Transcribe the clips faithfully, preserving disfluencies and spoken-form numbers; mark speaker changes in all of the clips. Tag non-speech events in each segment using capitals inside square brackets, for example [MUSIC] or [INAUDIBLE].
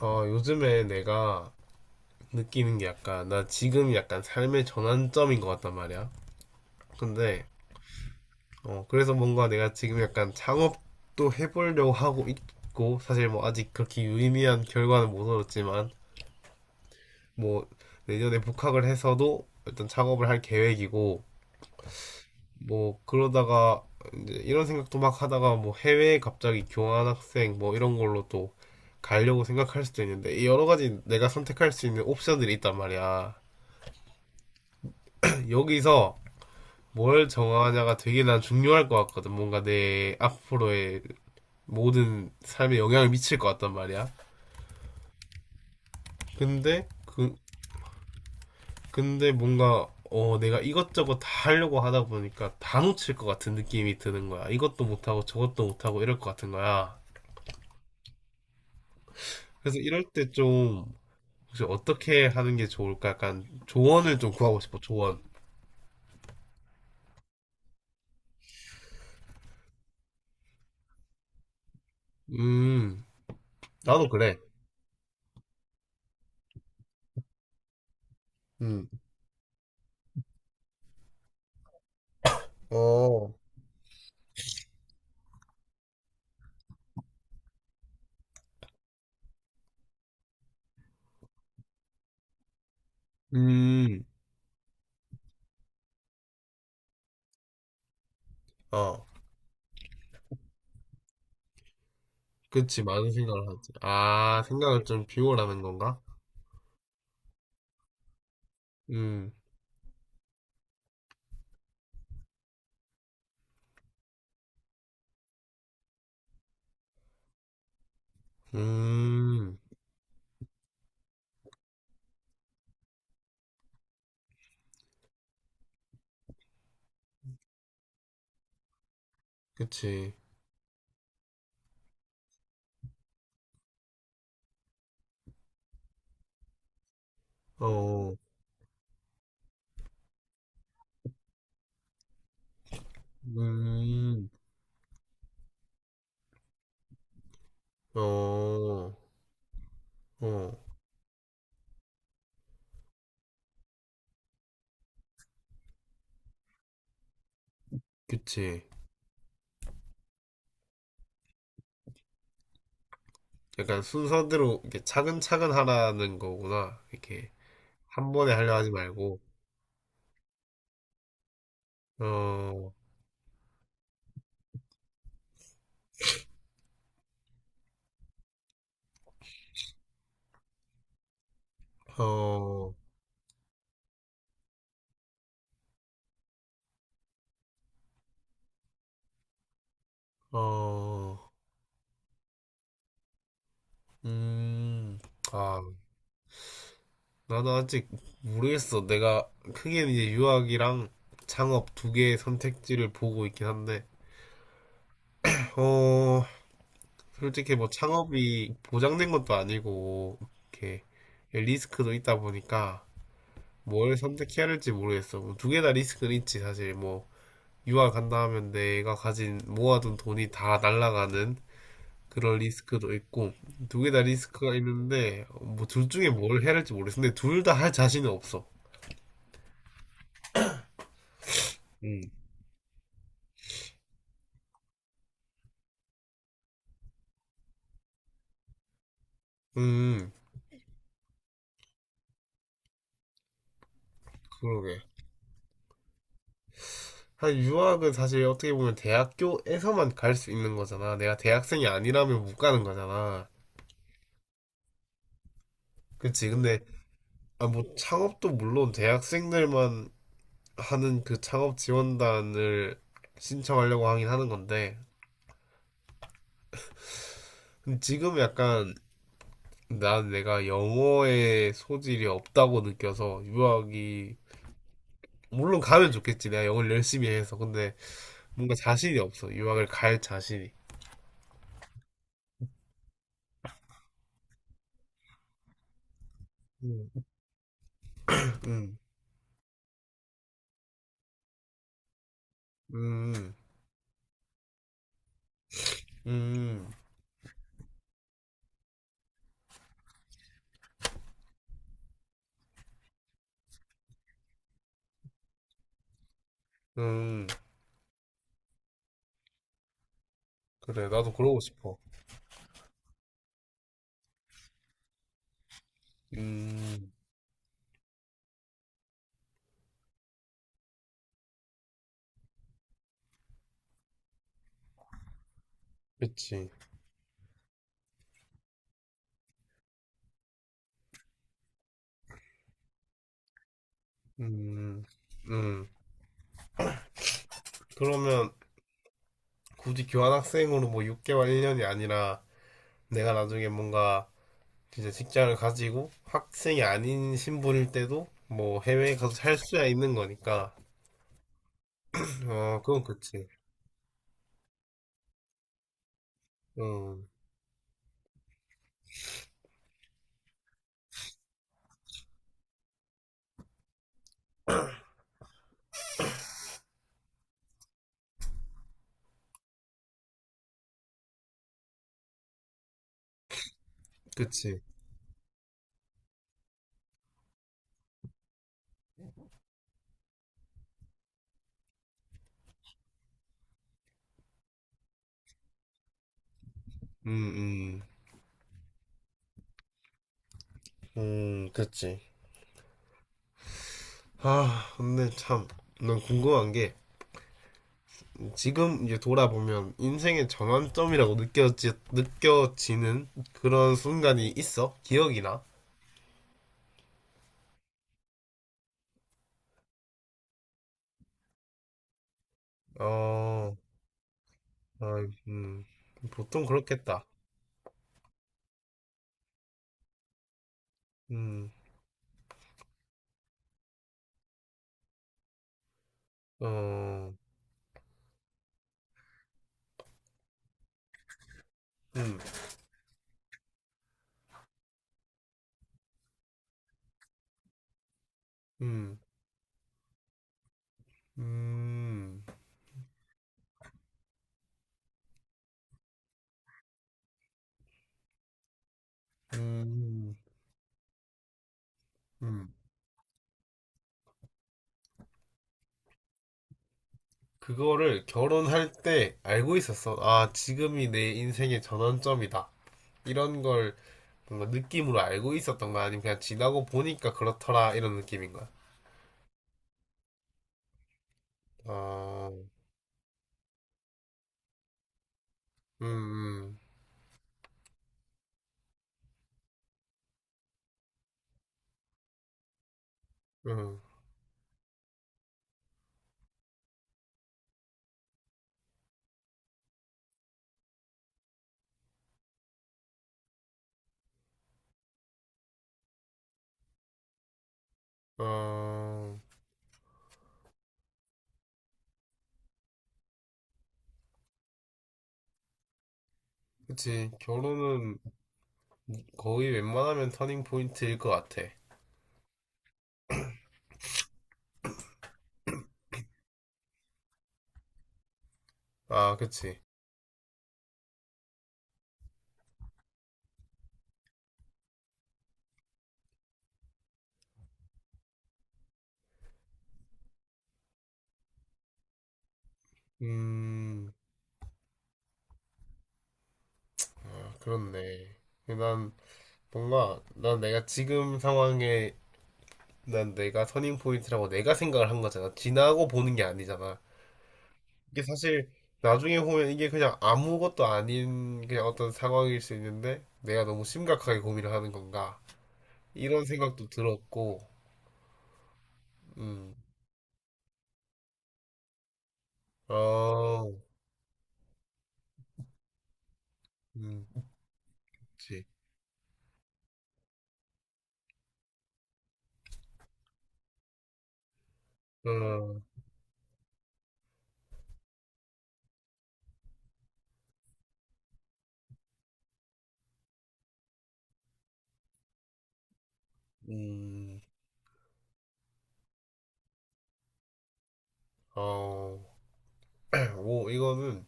Speaker 1: 어, 요즘에 내가 느끼는 게 약간, 나 지금 약간 삶의 전환점인 것 같단 말이야. 근데, 어, 그래서 뭔가 내가 지금 약간 창업도 해보려고 하고 있고, 사실 뭐 아직 그렇게 유의미한 결과는 못 얻었지만, 뭐, 내년에 복학을 해서도 일단 창업을 할 계획이고, 뭐, 그러다가, 이제 이런 생각도 막 하다가 뭐 해외에 갑자기 교환학생 뭐 이런 걸로 또 가려고 생각할 수도 있는데, 이 여러 가지 내가 선택할 수 있는 옵션들이 있단 말이야. 여기서 뭘 정하냐가 되게 난 중요할 것 같거든. 뭔가 내 앞으로의 모든 삶에 영향을 미칠 것 같단 말이야. 근데 그 근데 뭔가 어 내가 이것저것 다 하려고 하다 보니까 다 놓칠 것 같은 느낌이 드는 거야. 이것도 못하고 저것도 못하고 이럴 것 같은 거야. 그래서 이럴 때 좀 혹시 어떻게 하는 게 좋을까? 약간 조언을 좀 구하고 싶어. 조언. 음, 나도 그래. 음, 어, 음, 어. 그치, 많은 생각을 하지. 아, 생각을 좀 비우라는 건가? 음, 음, 그치. 어, 음, 어, 어, 그치. 약간 순서대로 이렇게 차근차근 하라는 거구나. 이렇게 한 번에 하려 하지 말고. 어, 어, 어, 음, 아, 나도 아직 모르겠어. 내가 크게 이제 유학이랑 창업 두 개의 선택지를 보고 있긴 한데, 어, 솔직히 뭐 창업이 보장된 것도 아니고 이렇게 리스크도 있다 보니까 뭘 선택해야 할지 모르겠어. 뭐 두개 다 리스크는 있지 사실 뭐 유학 간다 하면 내가 가진 모아둔 돈이 다 날아가는 그런 리스크도 있고 두 개 다 리스크가 있는데 뭐 둘 중에 뭘 해야 할지 모르겠어. 근데 둘 다 할 자신은 없어. 음, 그러게. 사실 유학은 사실 어떻게 보면 대학교에서만 갈 수 있는 거잖아. 내가 대학생이 아니라면 못 가는 거잖아. 그치. 근데 아, 뭐 창업도 물론 대학생들만 하는 그 창업 지원단을 신청하려고 하긴 하는 건데 근데 지금 약간 난 내가 영어에 소질이 없다고 느껴서 유학이 물론 가면 좋겠지 내가 영어를 열심히 해서 근데 뭔가 자신이 없어 유학을 갈 자신이 음, 음, 음, 음, 음. 그래 나도 그러고 싶어. 음, 그치. 음, 음. 그러면 굳이 교환학생으로 뭐 육 개월 일 년이 아니라 내가 나중에 뭔가 진짜 직장을 가지고 학생이 아닌 신분일 때도 뭐 해외에 가서 살 수야 있는 거니까. 어, 그건 그치. 음, 그치. 음, 음, 음, 그치. 아, 근데 참, 난 궁금한 게, 지금 이제 돌아보면 인생의 전환점이라고 느껴지, 느껴지는 그런 순간이 있어? 기억이나? 어, 아, 음, 보통 그렇겠다. 음. 어, 음, 음, 음, 음, 음. 그거를 결혼할 때 알고 있었어. 아, 지금이 내 인생의 전환점이다. 이런 걸 뭔가 느낌으로 알고 있었던 거야? 아니면 그냥 지나고 보니까 그렇더라, 이런 느낌인 거야? 아, 음, 음, 음, 어, 그치. 결혼은 거의 웬만하면 터닝 포인트일 것 같아. 아, 그치. 음, 아, 그렇네. 난 뭔가 난 내가 지금 상황에 난 내가 터닝 포인트라고 내가 생각을 한 거잖아. 지나고 보는 게 아니잖아. 이게 사실 나중에 보면 이게 그냥 아무것도 아닌 그냥 어떤 상황일 수 있는데 내가 너무 심각하게 고민을 하는 건가? 이런 생각도 들었고, 음, 어, 음, 그치, 어, 음, 어, [CLEARS THROAT] 오, 이거는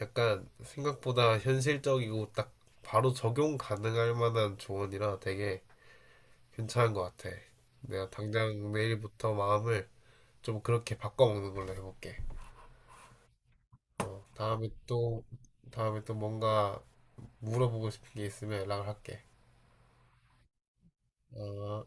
Speaker 1: 약간 생각보다 현실적이고 딱 바로 적용 가능할 만한 조언이라 되게 괜찮은 것 같아. 내가 당장 내일부터 마음을 좀 그렇게 바꿔먹는 걸로 해볼게. 어, 다음에 또, 다음에 또 뭔가 물어보고 싶은 게 있으면 연락을 할게. 어.